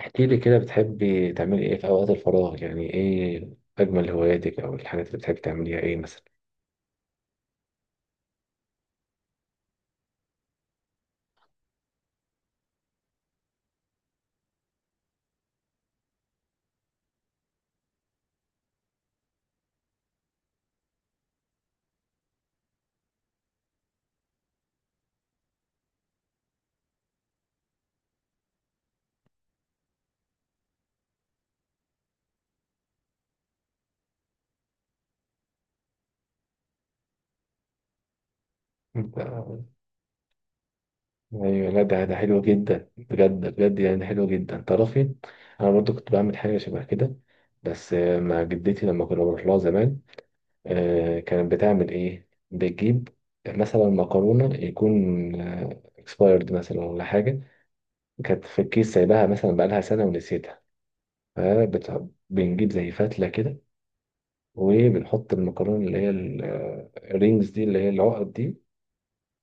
احكي لي كده، بتحبي تعملي ايه في اوقات الفراغ؟ يعني ايه اجمل هواياتك او الحاجات اللي بتحبي تعمليها، ايه مثلا؟ انت- ايوه، لا ده حلو جدا، بجد بجد، يعني حلو جدا تعرفي. انا برضو كنت بعمل حاجه شبه كده، بس مع جدتي لما كنا بنروح لها زمان. كانت بتعمل ايه؟ بتجيب مثلا مكرونه يكون اكسبايرد مثلا ولا حاجه، كانت في الكيس سايباها مثلا بقالها سنه ونسيتها. بنجيب زي فتله كده، وبنحط المكرونة اللي هي الرينجز دي، اللي هي العقد دي،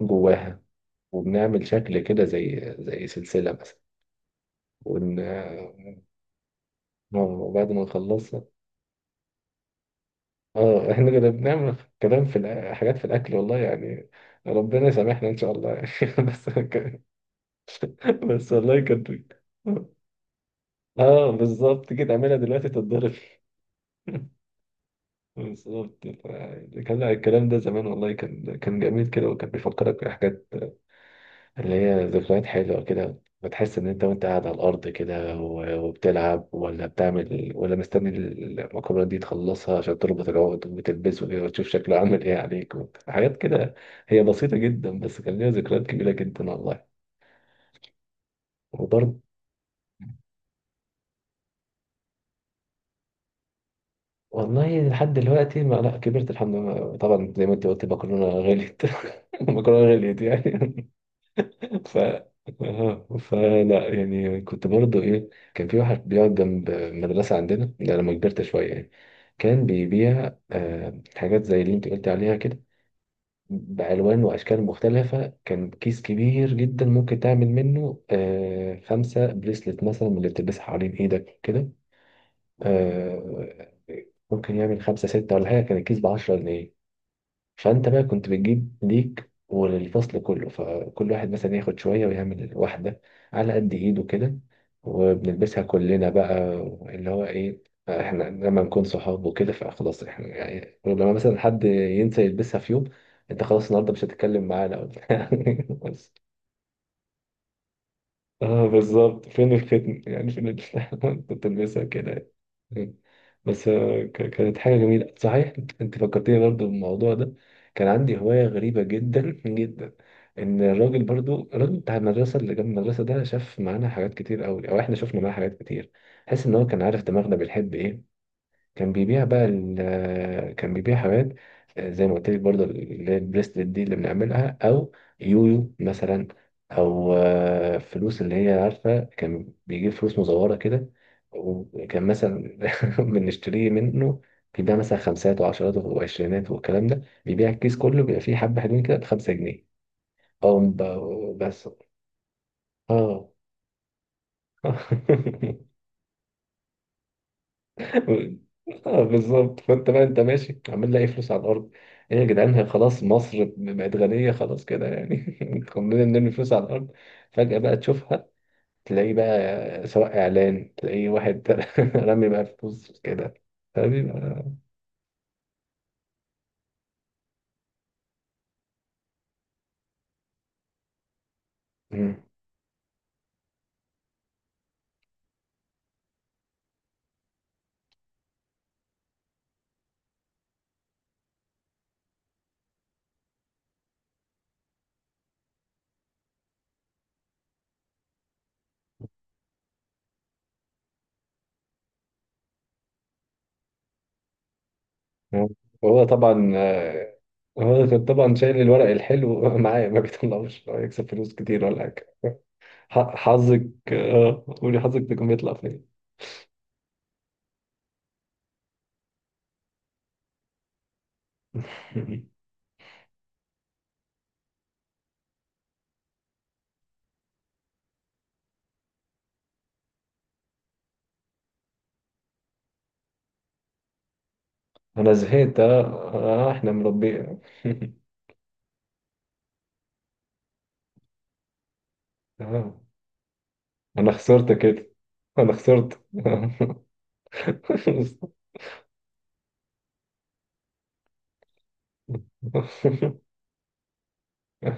جواها. وبنعمل شكل كده زي سلسلة مثلا. ون... وبعد ما نخلصها. اه احنا كده بنعمل كلام في حاجات في الأكل والله يعني، ربنا يسامحنا إن شاء الله يعني. بس ك... بس والله كانت. اه بالظبط كده، اعملها دلوقتي تتضرب. بالظبط كان الكلام ده زمان والله، كان جميل كده، وكان بيفكرك بحاجات اللي هي ذكريات حلوة كده. بتحس إن أنت وأنت قاعد على الأرض كده وبتلعب ولا بتعمل ولا مستني المكرونة دي تخلصها عشان تربط العقد وتلبسه إيه وتشوف شكله عامل إيه عليك. حاجات كده، هي بسيطة جدا بس كان ليها ذكريات كبيرة جدا والله. وبرضه، والله لحد دلوقتي ما، لا كبرت الحمد لله طبعا، زي ما أنت قلت، المكرونة غليت. المكرونة غليت يعني. ف اه فلا، يعني كنت برضه ايه، كان في واحد بيقعد جنب مدرسة عندنا ده لما كبرت شوية يعني. كان بيبيع آه حاجات زي اللي انت قلت عليها كده، بألوان وأشكال مختلفة. كان كيس كبير جدا ممكن تعمل منه آه خمسة بريسلت مثلا، من اللي بتلبسها حوالين ايدك كده. آه، ممكن يعمل خمسة ستة ولا حاجة، كان الكيس ب10 جنيه. فانت بقى كنت بتجيب ليك وللفصل كله، فكل واحد مثلا ياخد شوية ويعمل واحدة على قد ايده كده، وبنلبسها كلنا بقى. اللي هو ايه، احنا لما نكون صحاب وكده فخلاص احنا يعني، لما مثلا حد ينسى يلبسها في يوم، انت خلاص النهارده مش هتتكلم معانا. بس اه، بالظبط، فين الختم يعني، فين كنت بلبسها كده يعني. بس كانت حاجة جميلة صحيح، انت، أنت فكرتني برضو بالموضوع ده. كان عندي هواية غريبة جدا جدا، ان الراجل برضو، الراجل بتاع المدرسة اللي جنب المدرسة ده، شاف معانا حاجات كتير قوي او احنا شفنا معاه حاجات كتير. حس ان هو كان عارف دماغنا بنحب ايه. كان بيبيع بقى كان بيبيع حاجات زي ما قلت لك برضه، اللي هي البريسلت دي اللي بنعملها، او يويو مثلا، او فلوس اللي هي عارفه، كان بيجيب فلوس مزوره كده. وكان مثلا بنشتريه منه، بيبيع مثلا خمسات وعشرات وعشرينات والكلام ده، بيبيع الكيس كله، بيبقى فيه حبه حلوين كده ب5 جنيه. اه بس. اه اه بالظبط، فانت بقى انت ماشي عمال لاقي فلوس على الارض، ايه يا جدعان، هي خلاص مصر بقت غنيه خلاص كده يعني؟ كلنا نرمي فلوس على الارض. فجاه بقى تشوفها، تلاقي بقى سواء اعلان تلاقي واحد رمي بقى فلوس كده، فبيبقى. مم. هو طبعا هو كان طبعا شايل الورق الحلو معايا ما بيطلعوش، هو يكسب فلوس كتير ولا حاجه. حظك قولي حظك تكون بيطلع فين. انا زهقت اه. احنا مربي. آه. انا خسرت كده، انا خسرت.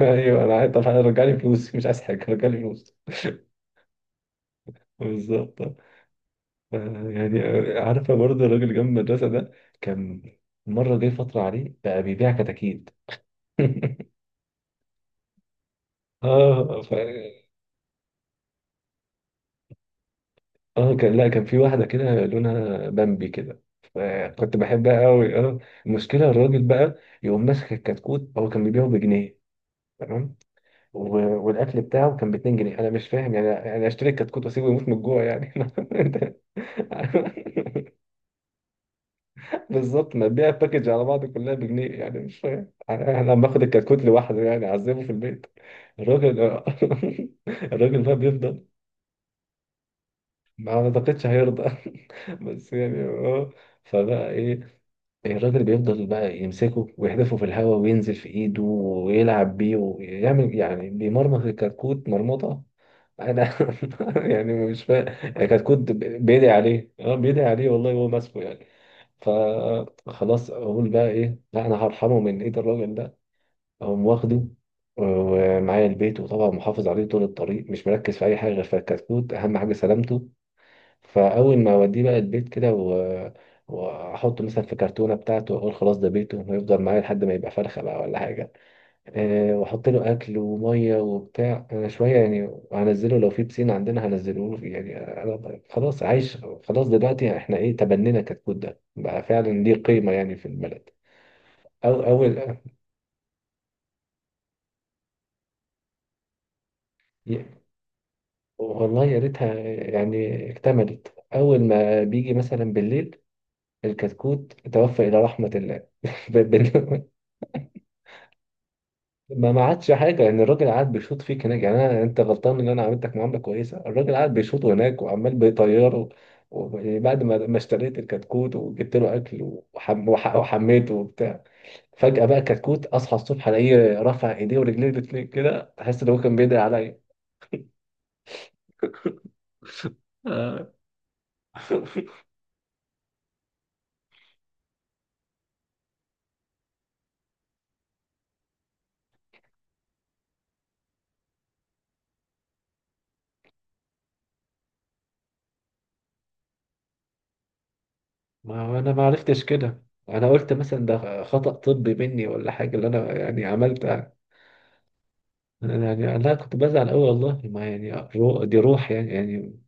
ايوه انا عايز، طب رجع لي فلوسي. مش عايز حاجه، رجع لي فلوسي. بالظبط. يعني عارفه برضه الراجل جنب المدرسه ده، كان، مره جه فتره عليه بقى بيبيع كتاكيت. اه. اه كان، لا كان في واحدة كده لونها بامبي كده، فكنت بحبها قوي اه. المشكلة، الراجل بقى يقوم ماسك الكتكوت، هو كان بيبيعه بجنيه، تمام، و- والاكل بتاعه كان ب 2 جنيه. انا مش فاهم يعني، يعني اشتري الكتكوت واسيبه يموت من الجوع يعني؟ أنت- بالظبط، ما تبيع الباكج على بعض كلها بجنيه يعني، مش فاهم انا، أنا لما اخد الكتكوت لوحده يعني اعذبه في البيت. الراجل الراجل بقى بيفضل. ما اعتقدش هيرضى. بس يعني اه. فبقى ايه، الراجل بيفضل بقى يمسكه ويحدفه في الهواء وينزل في ايده ويلعب بيه ويعمل يعني، بيمرمط الكتكوت مرمطة. انا يعني مش فاهم. الكتكوت بيدعي عليه اه، بيدعي عليه والله هو ماسكه يعني. فخلاص اقول بقى ايه، لا انا هرحمه من ايد الراجل ده، اقوم واخده ومعايا البيت، وطبعا محافظ عليه طول الطريق، مش مركز في اي حاجه غير في الكتكوت، اهم حاجه سلامته. فاول ما اوديه بقى البيت كده واحطه مثلا في كرتونه بتاعته واقول خلاص ده بيته، ويفضل معايا لحد ما يبقى فرخه بقى ولا حاجه. أه، واحط له اكل وميه وبتاع انا شويه يعني، هنزله لو في بسين عندنا هنزله له يعني، أنا خلاص عايش. خلاص دلوقتي احنا ايه، تبنينا كتكوت، ده بقى فعلا ليه قيمه يعني في البلد. او اول ي- والله يا ريتها يعني اكتملت. اول ما بيجي مثلا بالليل، الكتكوت توفى الى رحمه الله. بن- ما عادش حاجه يعني. الراجل قاعد بيشوط فيك هناك يعني، انا، انت غلطان ان انا عملتك معامله كويسه، الراجل قاعد بيشوطه هناك وعمال بيطيره. وبعد ما اشتريت الكتكوت وجبت له اكل، وحم وحميته وبتاع، فجاه بقى كتكوت اصحى الصبح الاقيه رافع ايديه ورجليه الاتنين كده، تحس ان هو كان بيدعي عليا. آه. ما هو انا ما عرفتش كده، انا قلت مثلا ده خطأ طبي مني ولا حاجه اللي انا يعني عملتها. أنا يعني انا كنت بزعل قوي والله ما يعني دي روح يعني يعني،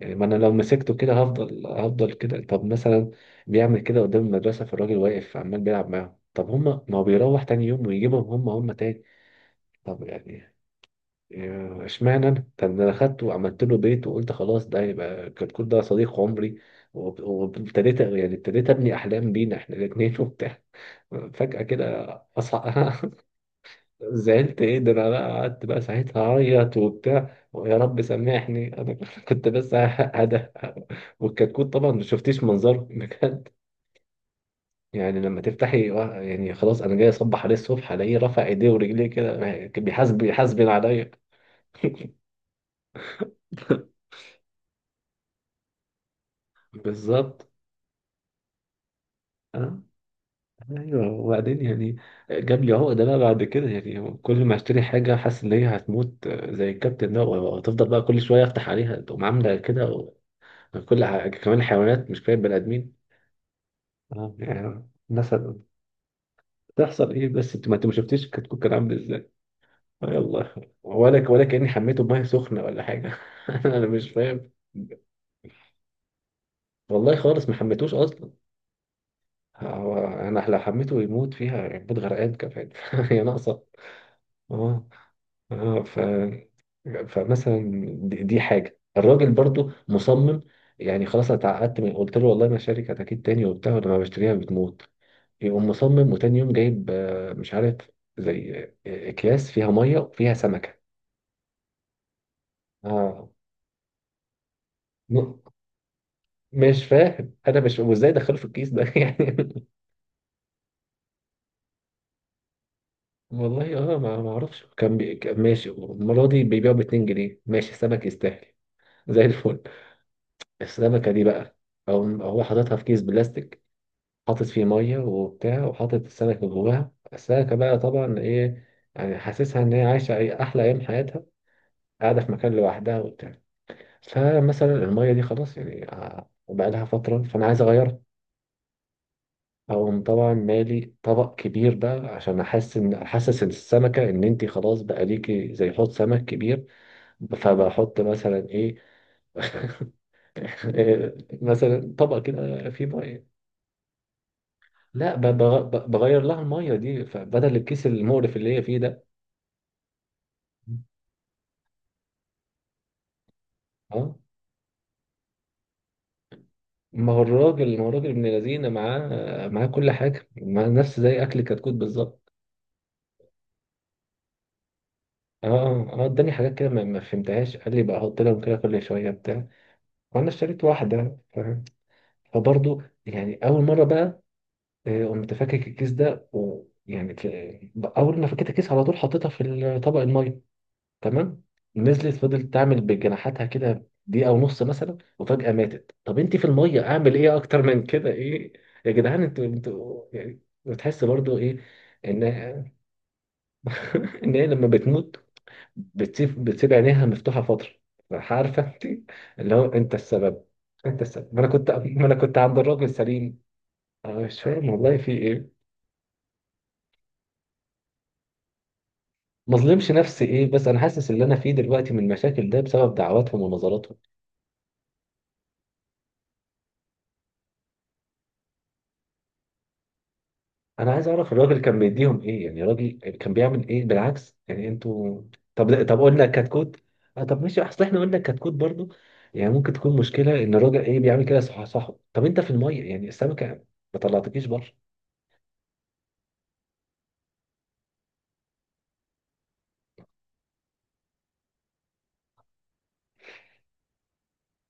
يعني ما انا لو مسكته كده هفضل كده. طب مثلا، بيعمل كده قدام المدرسه فالراجل واقف عمال بيلعب معاهم، طب هما ما هو بيروح تاني يوم ويجيبهم هما هما تاني، طب يعني اشمعنى انا؟ طب ده انا خدته وعملت له بيت وقلت خلاص ده يبقى كتكوت، ده صديق عمري، وابتديت يعني، ابتديت ابني احلام بينا احنا الاثنين وبتاع، فجاه كده اصحى. زعلت، ايه ده، انا بقى قعدت بقى ساعتها اعيط وبتاع، ويا رب سامحني انا كنت، بس هدى. والكتكوت طبعا ما شفتيش منظره بجد يعني، لما تفتحي يعني خلاص انا جاي اصبح عليه الصبح الاقيه رافع ايديه ورجليه كده. بيحاسبن عليا. بالظبط، اه، ايوه وبعدين يعني جاب لي عقده بقى بعد كده، يعني كل ما اشتري حاجه حاسس ان هي هتموت زي الكابتن ده، وتفضل بقى كل شويه افتح عليها تقوم عامله كده كمان الحيوانات مش كفايه البني ادمين. اه يعني مثلا، تحصل ايه بس، انت ما انت ما شفتيش الكتكوت كان عامل. يلا، ولا كأني حميته بميه سخنة ولا حاجة. أنا مش فاهم. والله خالص ما حميتوش أصلا، هو أنا لو حميته يموت فيها يموت غرقان كمان. هي ناقصة. اه، اه ف، فمثلا دي حاجة، الراجل برضو مصمم يعني، خلاص أنا اتعقدت من قلت له والله ما شارك أكيد تاني وبتاع ولما بشتريها بتموت. يقوم مصمم وتاني يوم جايب مش عارف زي أكياس فيها مية وفيها سمكة. اه. مش فاهم انا، مش وازاي دخله في الكيس ده. يعني، والله اه، ما اعرفش، كان كان ماشي المره دي بيبيعوا ب 2 جنيه ماشي، السمك يستاهل. زي الفل. السمكه دي بقى، او هو حاططها في كيس بلاستيك، حاطط فيه ميه وبتاع، وحاطط السمك جواها، السمكه بقى طبعا ايه، يعني حاسسها ان هي عايشه احلى ايام حياتها، قاعده في مكان لوحدها وبتاع. فمثلا الميه دي خلاص يعني بقى لها فتره فانا عايز اغيرها، اقوم طبعا مالي طبق كبير بقى عشان احس ان، احسس السمكه ان انت خلاص بقى ليكي زي حوض سمك كبير. فبحط مثلا ايه، مثلا طبق كده فيه ميه. لا بغير لها الميه دي، فبدل الكيس المقرف اللي هي فيه ده. اه، ما هو الراجل ابن لذينه، معاه، معاه كل حاجه مع نفس، زي اكل كتكوت بالظبط. اه، اه اداني حاجات كده ما فهمتهاش، قال لي بقى احط لهم كده كل شويه بتاع، وانا اشتريت واحده. فبرضه يعني اول مره بقى قمت فاكك الكيس ده ويعني اول ما فكيت الكيس على طول حطيتها في طبق الميه، تمام. نزلت فضلت تعمل بجناحاتها كده دقيقه ونص مثلا، وفجاه ماتت. طب انت في الميه اعمل ايه اكتر من كده ايه؟ يا جدعان، انتوا يعني بتحس برضه ايه، ان ان هي لما بتموت بتسيب عينيها مفتوحه فتره. عارفه انت، اللي هو انت السبب، انت السبب، ما انا كنت عند الراجل سليم. أنا مش فاهم والله في ايه. ما ظلمش نفسي ايه، بس انا حاسس اللي انا فيه دلوقتي من المشاكل ده بسبب دعواتهم ونظراتهم. انا عايز اعرف الراجل كان بيديهم ايه يعني، الراجل كان بيعمل ايه بالعكس يعني انتوا. طب قلنا كتكوت، آه طب ماشي، اصل احنا قلنا كتكوت برضو يعني، ممكن تكون مشكلة ان الراجل ايه بيعمل كده، صح صح، طب انت في المية يعني السمكة، ما طلعتكيش بره.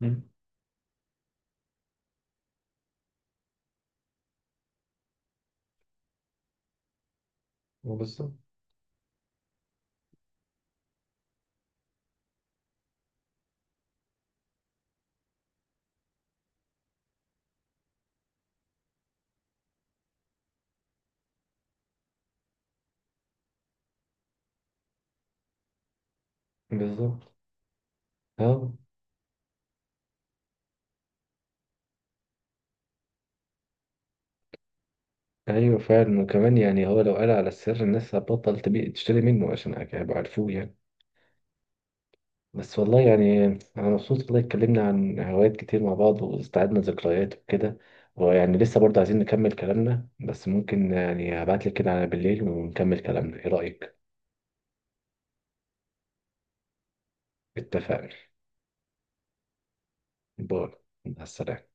مم. بالظبط، بالظبط اه. ايوه فعلا، وكمان يعني هو لو قال على السر الناس هتبطل تبيع تشتري منه، عشان هيبقوا عارفوه يعني. بس والله يعني، أنا مبسوط والله، اتكلمنا عن هوايات كتير مع بعض واستعدنا ذكريات وكده، ويعني لسه برضه عايزين نكمل كلامنا، بس ممكن يعني هبعتلك كده على بالليل ونكمل كلامنا، إيه رأيك؟ اتفقنا. باي. مع السلامة.